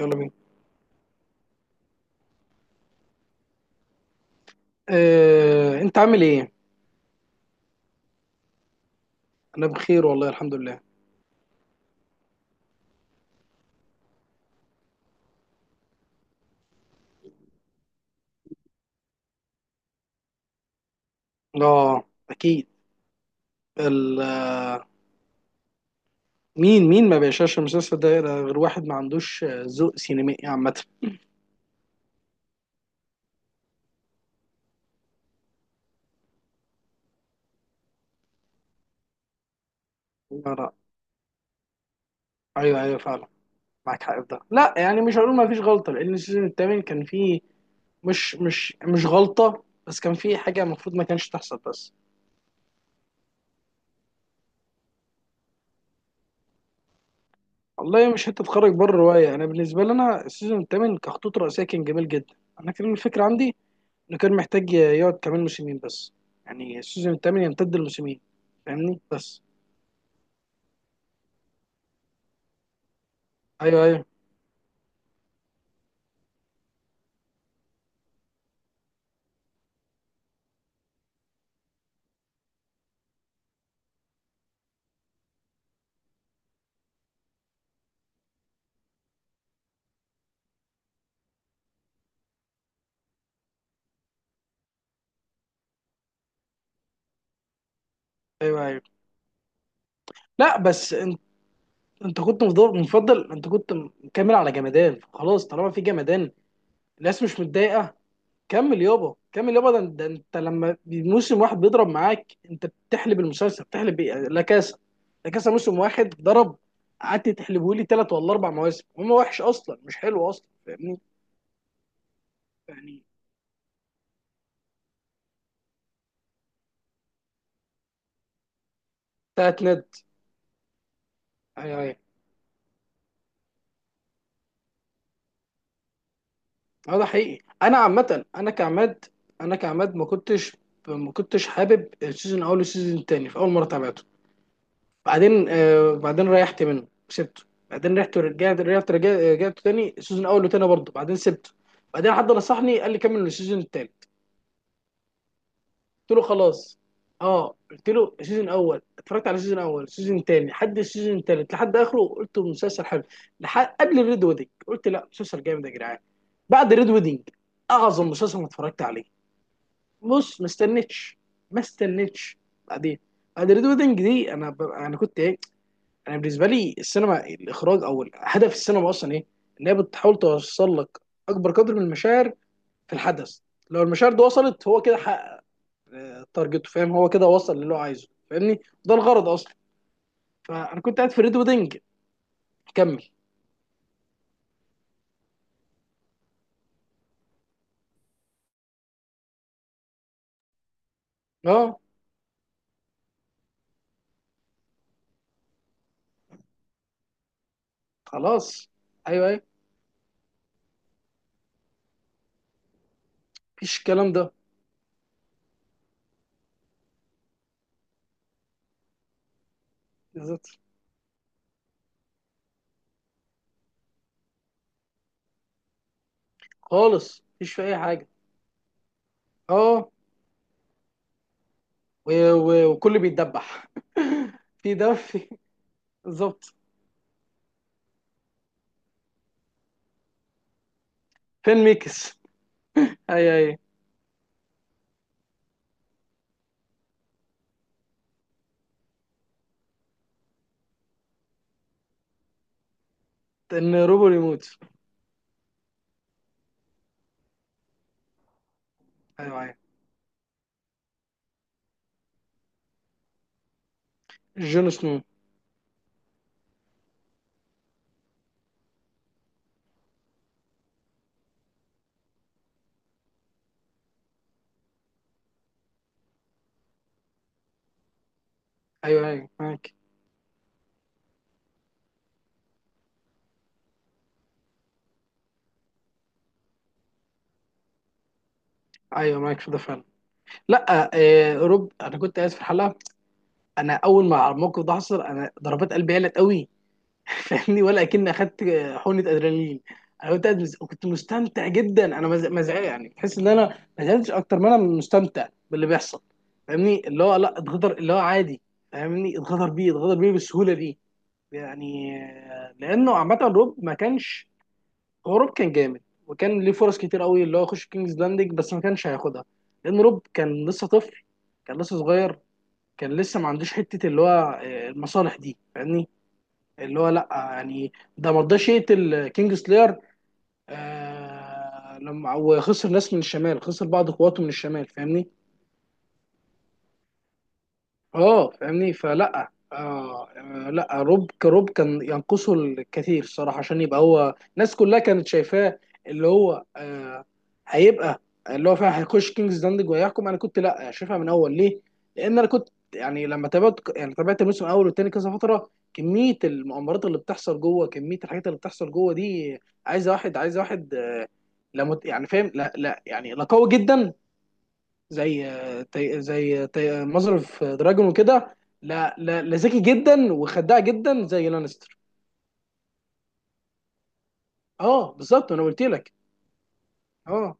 يلا بينا. آه، انت عامل ايه؟ انا بخير والله الحمد لله. اه اكيد. ال- مين مين ما بيشاش المسلسل ده غير واحد ما عندوش ذوق سينمائي عامه. لا لا. ايوه ايوه فعلا. معاك حق في ده. لا يعني مش هقول ما فيش غلطه لان السيزون الثامن كان فيه مش غلطه، بس كان فيه حاجه المفروض ما كانش تحصل بس. والله مش هتتخرج بره الروايه. انا بالنسبه لي انا السيزون الثامن كخطوط رئيسيه كان جميل جدا. انا كان الفكره عندي انه كان محتاج يقعد كمان موسمين بس. يعني السيزون الثامن يمتد لموسمين فاهمني بس. ايوه ايوه. ايوه ايوه. لا بس انت انت كنت مفضل، انت كنت مكمل على جمدان خلاص طالما في جمدان الناس مش متضايقه. كمل يابا كمل يابا. ده انت لما موسم واحد بيضرب معاك انت بتحلب المسلسل بتحلب إيه؟ لا كاسا. لا كاسا موسم واحد ضرب، قعدت تحلبه لي ثلاث ولا اربع مواسم هو وحش اصلا مش حلو اصلا فاهمني يعني. بتاعت ند. ايوه ايوه. اه ده حقيقي. انا عامه انا كعماد، ما كنتش، ما كنتش حابب السيزون الاول والسيزون التاني في اول مره تابعته. بعدين بعدين ريحت منه سبته. بعدين رحت ورجعت رجعت رجعت رجعت تاني السيزون الاول وتاني برضه بعدين سبته. بعدين حد نصحني قال لي كمل السيزون التالت. قلت له خلاص. اه قلت له السيزون الاول، اتفرجت على السيزون الاول السيزون التاني لحد السيزون التالت لحد اخره، قلت مسلسل حلو لحد قبل الريد ويدنج. قلت لا مسلسل جامد يا جدعان. بعد الريد ويدنج اعظم مسلسل ما اتفرجت عليه. بص ما استنتش، ما استنتش. بعدين بعد ريد ويدنج دي انا انا كنت ايه؟ انا بالنسبه لي السينما، الاخراج، او هدف السينما اصلا ايه؟ ان هي بتحاول توصل لك اكبر قدر من المشاعر في الحدث. لو المشاعر دي وصلت هو كده حقق تارجته فاهم، هو كده وصل للي هو عايزه فاهمني. ده الغرض اصلا. فانا كنت قاعد في ريد ويدنج. كمل. اه خلاص. ايوه ايوه. مفيش الكلام ده. بالظبط. خالص مفيش في اي حاجه. اه وكل بيتدبح. في ده في. بالظبط. فين ميكس. ايوه ايوه. ان روبو يموت. ايوه ايوه. جون سنو. ايوه ايوه معاك. ايوه معاك في ده فعلا. لا روب انا كنت قاعد في الحلقه. انا اول ما الموقف ده حصل انا ضربات قلبي قلت قوي فاهمني، ولا اكن اخدت حقنه ادرينالين. انا كنت قاعد كنت مستمتع جدا، انا مزعج يعني، تحس ان انا ما زعلتش اكتر ما انا مستمتع باللي بيحصل فاهمني. اللي هو لا اتغدر، اللي هو عادي فاهمني، اتغدر بيه، اتغدر بيه بالسهوله دي. يعني لانه عامه روب ما كانش، هو روب كان جامد. وكان ليه فرص كتير قوي اللي هو يخش كينجز لاندنج بس ما كانش هياخدها. لان روب كان لسه طفل، كان لسه صغير، كان لسه ما عندوش حته اللي هو المصالح دي فاهمني. اللي هو لا يعني. ده ما رضاش يقتل كينج سلاير لما وخسر ناس من الشمال، خسر بعض قواته من الشمال فاهمني. اه فاهمني فلا لا روب كروب كان ينقصه الكثير الصراحه عشان يبقى هو، الناس كلها كانت شايفاه اللي هو هيبقى اللي هو فعلا هيخش كينجز داندج وهيحكم. انا كنت لا شايفها من اول ليه؟ لان انا كنت يعني لما تابعت، يعني تابعت الموسم الاول والتاني كذا فتره، كميه المؤامرات اللي بتحصل جوه، كميه الحاجات اللي بتحصل جوه دي. عايزه واحد لا يعني فاهم. لا لا يعني لا قوي جدا. زي مظرف دراجون وكده. لا لا لا ذكي جدا وخداع جدا زي لانستر. اه بالظبط انا قلت لك. اه.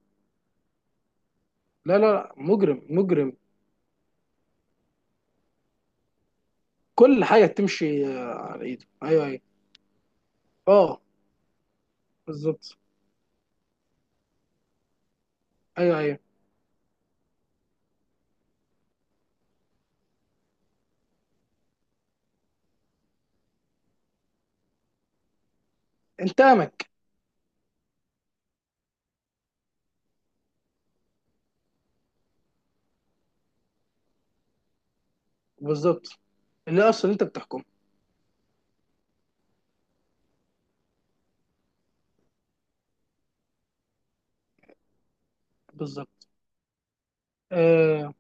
لا لا لا مجرم مجرم. كل حاجه تمشي على ايده. ايوه ايوه. اه بالظبط. ايوه ايوه انتقامك. بالظبط. اللي اصلا انت بتحكم. بالظبط. آه،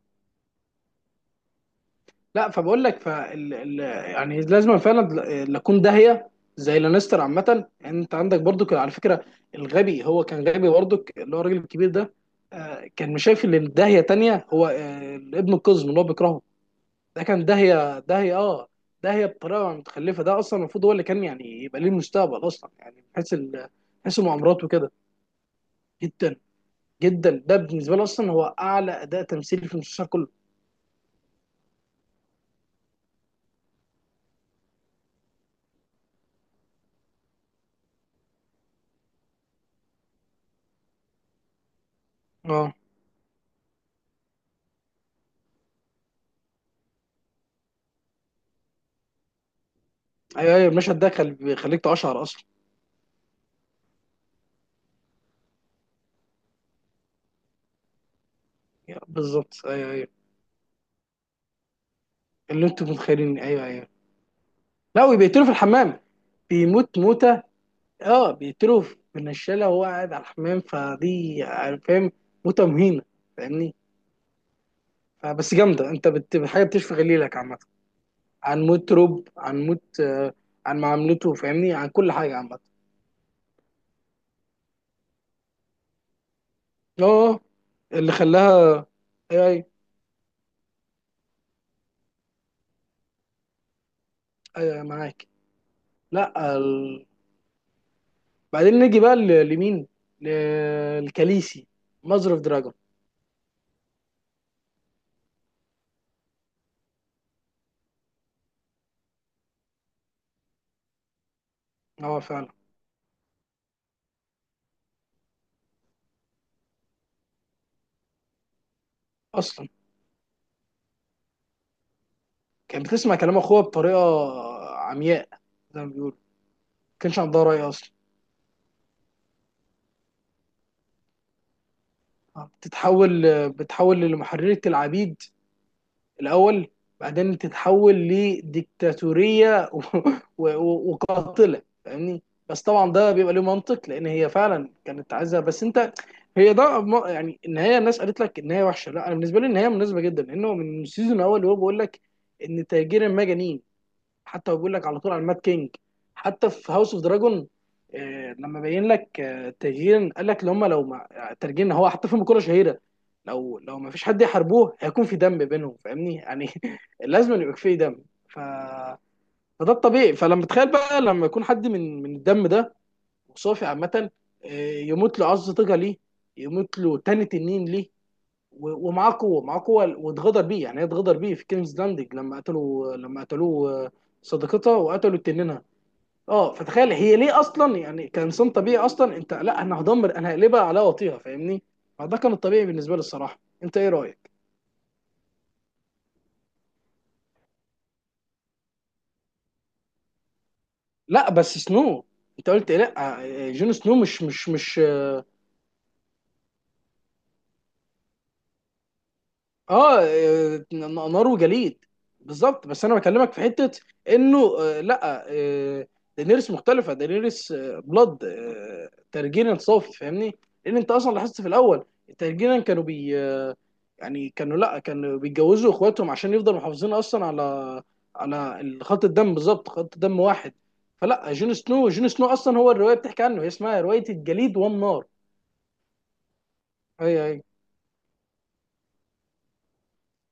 لا فبقول لك فال... ال... يعني لازم فعلا لا اكون داهيه زي لانستر عامه. انت عندك برضو كان على فكره الغبي، هو كان غبي برضو اللي هو الراجل الكبير ده كان مش شايف ان داهيه تانية هو ابن القزم اللي هو بيكرهه، ده كان داهيه داهيه اه، داهيه بطريقه متخلفه. ده اصلا المفروض هو اللي كان يعني يبقى ليه المستقبل اصلا، يعني من حيث من حيث المؤامرات وكده. جدا جدا، ده بالنسبه لي اصلا هو اعلى اداء تمثيلي في المسلسل كله. اه. ايوه ايوه المشهد ده بيخليك تقشعر اصلا. أيوة، بالظبط ايوه ايوه. اللي انتم متخيلين ايوه ايوه. لا وبيقتلوا في الحمام. بيموت موته، اه بيقتلوا بالنشاله وهو قاعد على الحمام، فدي يعني فاهم، موته مهينه فاهمني. فبس جامده، انت حاجه بتشفي غليلك عامه. عن موت روب، عن موت عن معاملته فاهمني، عن كل حاجه عامه. اه. اللي خلاها. ايوه ايوه. ايوه معاك. لا ال... بعدين نيجي بقى لمين؟ لكاليسي. ماذر اوف دراجون. اه فعلا اصلا. كانت بتسمع كلام اخوها بطريقه عمياء زي ما بيقولوا، ما كانش عندها راي اصلا. بتتحول، بتتحول لمحررة العبيد الاول، بعدين تتحول لديكتاتوريه وقاتله فاهمني. بس طبعا ده بيبقى له منطق لان هي فعلا كانت عايزه، بس انت هي ده يعني النهايه، الناس قالت لك النهايه وحشه. لا انا بالنسبه لي النهايه مناسبه جدا، لانه من السيزون الاول وهو بيقول لك ان تاجير المجانين، حتى هو بيقول لك على طول على المات كينج. حتى في هاوس اوف دراجون لما بين لك التغيير، قال لك لو هم لو ما ترجينا. هو حتى في مقولة شهيرة، لو ما فيش حد يحاربوه هيكون في دم بينهم فاهمني، يعني لازم يبقى في دم. ف... فده الطبيعي، فلما تخيل بقى لما يكون حد من الدم ده وصافي عامة آه، يموت له عظ طاقة ليه؟ يموت له تاني تنين ليه؟ ومعاه قوه، معاه قوه، واتغدر بيه يعني. هي اتغدر بيه في كينجز لاندنج لما قتلوا، لما قتلوه صديقتها وقتلوا تنينها. اه. فتخيل هي ليه اصلا، يعني كانسان طبيعي اصلا انت، لا انا هدمر انا هقلبها على وطيها فاهمني. فده كان الطبيعي بالنسبه لي الصراحه. انت ايه رايك؟ لا بس سنو، انت قلت إيه؟ لا جون سنو مش. اه نار وجليد. بالظبط، بس انا بكلمك في حته انه لا دينيريس مختلفه، دينيريس بلاد ترجينا صافي فاهمني. لان انت اصلا لاحظت في الاول الترجينا كانوا بي آه يعني كانوا، لا كانوا بيتجوزوا اخواتهم عشان يفضلوا محافظين اصلا على خط الدم، بالظبط خط دم واحد. فلا جون سنو اصلا هو الروايه بتحكي عنه، هي اسمها روايه الجليد والنار. ايوه ايوه.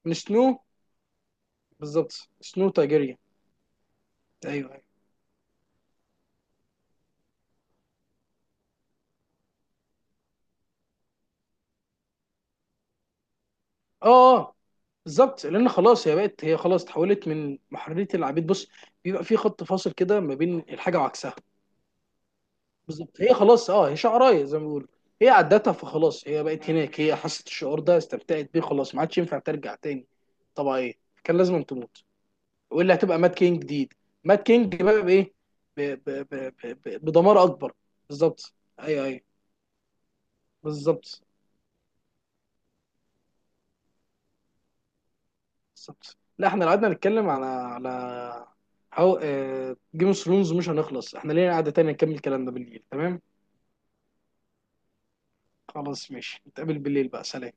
من سنو. بالظبط سنو تايجيريا. ايوه أيوه. اه اه بالظبط، لان خلاص هي بقت، هي خلاص اتحولت من محرريه العبيد. بص بيبقى في خط فاصل كده ما بين الحاجه وعكسها. بالظبط هي خلاص اه، هي شعرايه زي ما بيقولوا، هي عدتها، فخلاص هي بقت هناك، هي حست الشعور ده استمتعت بيه، خلاص ما عادش ينفع ترجع تاني طبيعيه، كان لازم تموت. واللي هتبقى مات كينج جديد. مات كينج بقى بايه؟ ب- بدمار اكبر. بالظبط ايوه ايوه. بالظبط. بالظبط. لا احنا لو قعدنا نتكلم على هاو جيم اوف ثرونز مش هنخلص. احنا لينا قعدة تانية نكمل الكلام ده بالليل، تمام؟ خلاص ماشي، نتقابل بالليل بقى. سلام.